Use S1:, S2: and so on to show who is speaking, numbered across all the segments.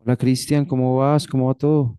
S1: Hola Cristian, ¿cómo vas? ¿Cómo va todo?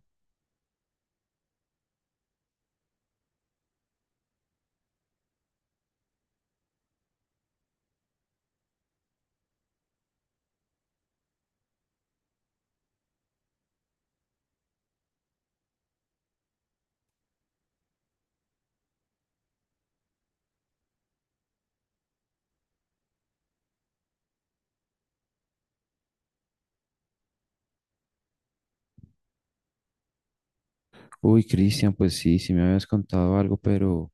S1: Uy, Cristian, pues sí, sí me habías contado algo, pero,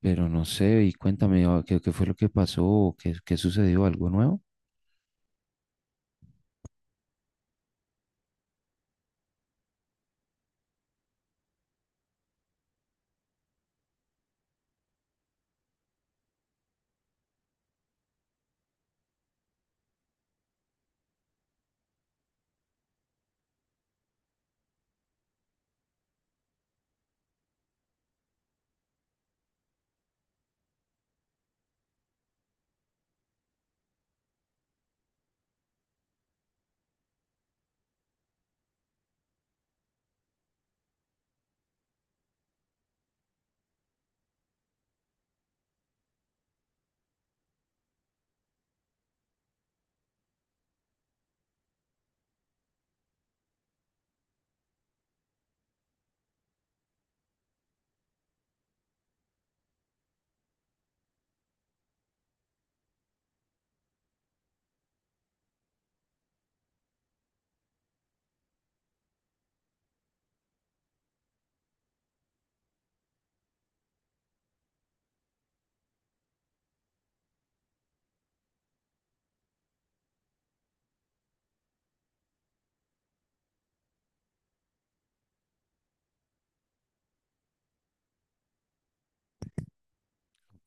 S1: pero no sé, y cuéntame, ah, ¿qué fue lo que pasó? ¿Qué sucedió? ¿Algo nuevo?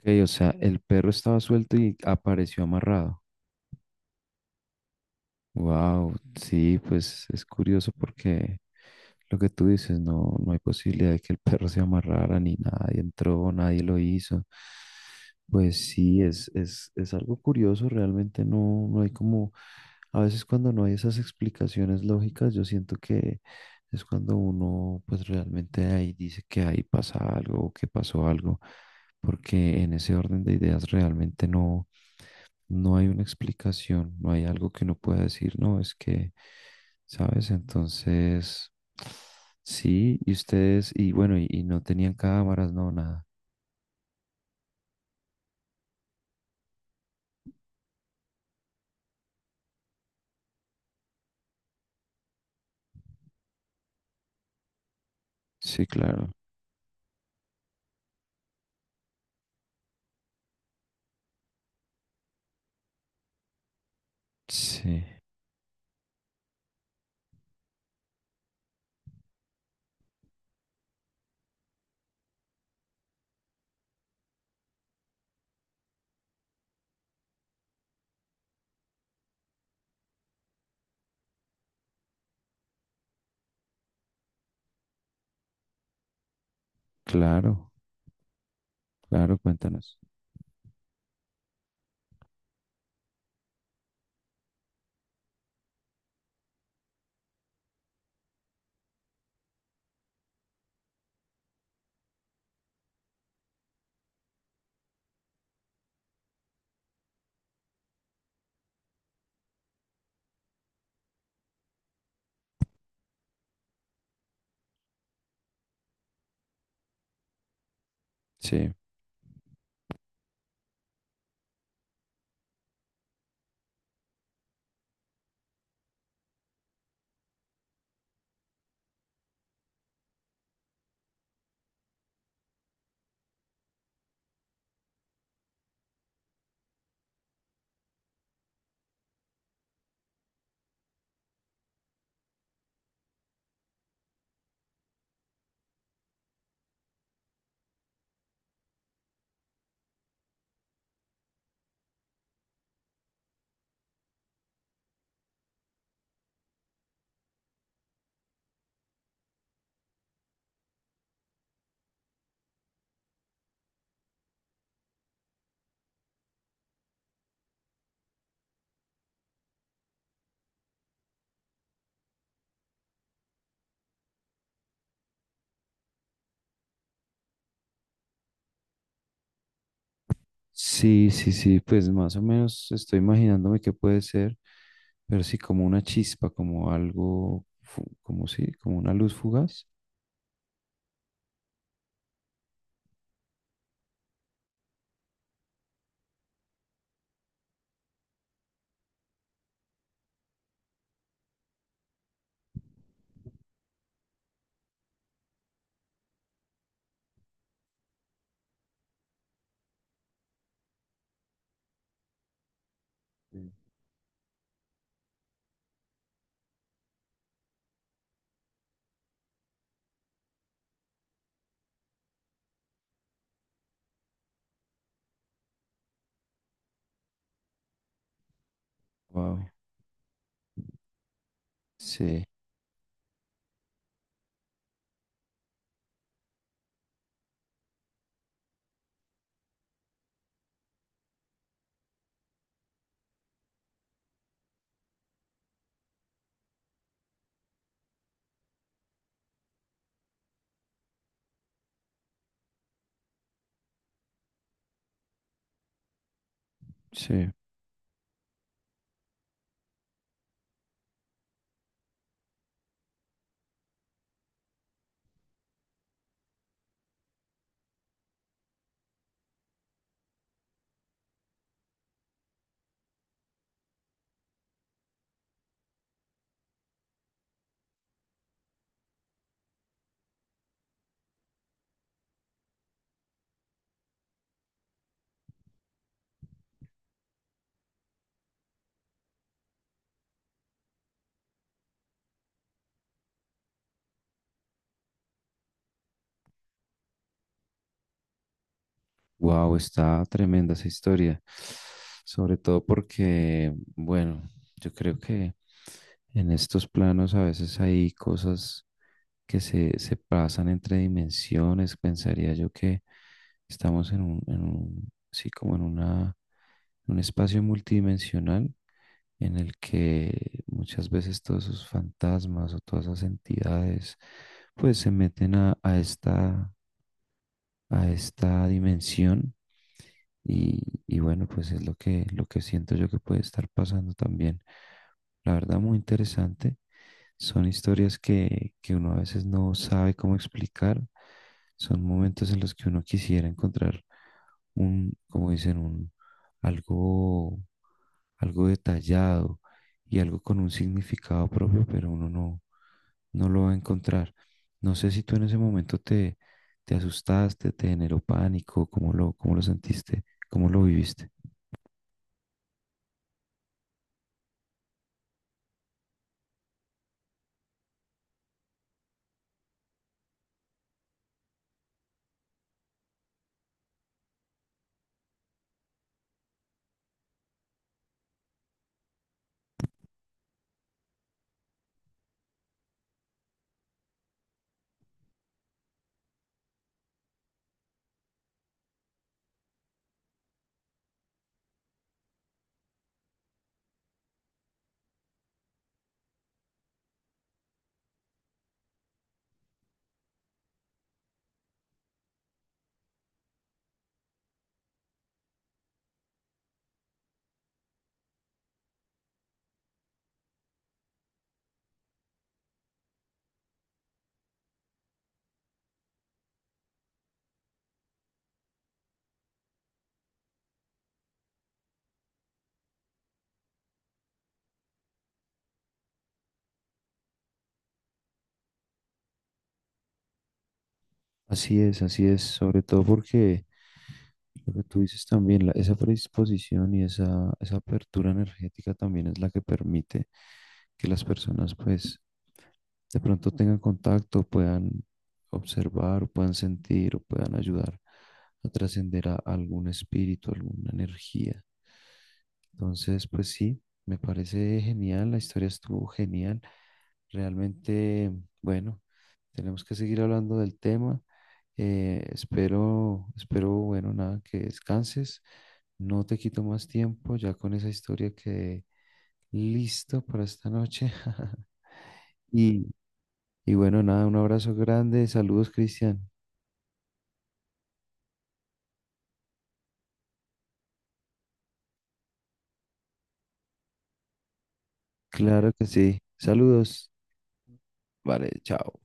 S1: Ok, o sea, el perro estaba suelto y apareció amarrado. Wow, sí, pues es curioso porque lo que tú dices, no, no hay posibilidad de que el perro se amarrara ni nadie entró, nadie lo hizo. Pues sí, es algo curioso, realmente no, no hay como, a veces cuando no hay esas explicaciones lógicas, yo siento que es cuando uno pues realmente ahí dice que ahí pasa algo o que pasó algo, porque en ese orden de ideas realmente no hay una explicación, no hay algo que uno pueda decir, no, es que, ¿sabes? Entonces, sí, y ustedes, y bueno, y no tenían cámaras, no, nada. Sí, claro, sí, claro, claro, cuéntanos. Sí, sí, sí, sí, pues más o menos estoy imaginándome qué puede ser, pero sí, como una chispa, como algo, como sí, como una luz fugaz. Wow, sí, sí. Wow, está tremenda esa historia. Sobre todo porque, bueno, yo creo que en estos planos a veces hay cosas que se pasan entre dimensiones. Pensaría yo que estamos en un, sí, como en una, un espacio multidimensional en el que muchas veces todos esos fantasmas o todas esas entidades, pues se meten a esta dimensión y bueno, pues es lo que siento yo que puede estar pasando también. La verdad, muy interesante. Son historias que uno a veces no sabe cómo explicar. Son momentos en los que uno quisiera encontrar un, como dicen, un algo, algo detallado y algo con un significado propio, pero uno no, no lo va a encontrar. No sé si tú en ese momento te, ¿te asustaste? ¿Te generó pánico? Cómo lo sentiste? ¿Cómo lo viviste? Así es, sobre todo porque lo que tú dices también, esa predisposición y esa apertura energética también es la que permite que las personas pues de pronto tengan contacto, puedan observar, o puedan sentir o puedan ayudar a trascender a algún espíritu, alguna energía. Entonces, pues sí, me parece genial, la historia estuvo genial. Realmente, bueno, tenemos que seguir hablando del tema. Espero, espero, bueno, nada, que descanses. No te quito más tiempo ya con esa historia que listo para esta noche. Y, y bueno, nada, un abrazo grande. Saludos, Cristian. Claro que sí. Saludos. Vale, chao.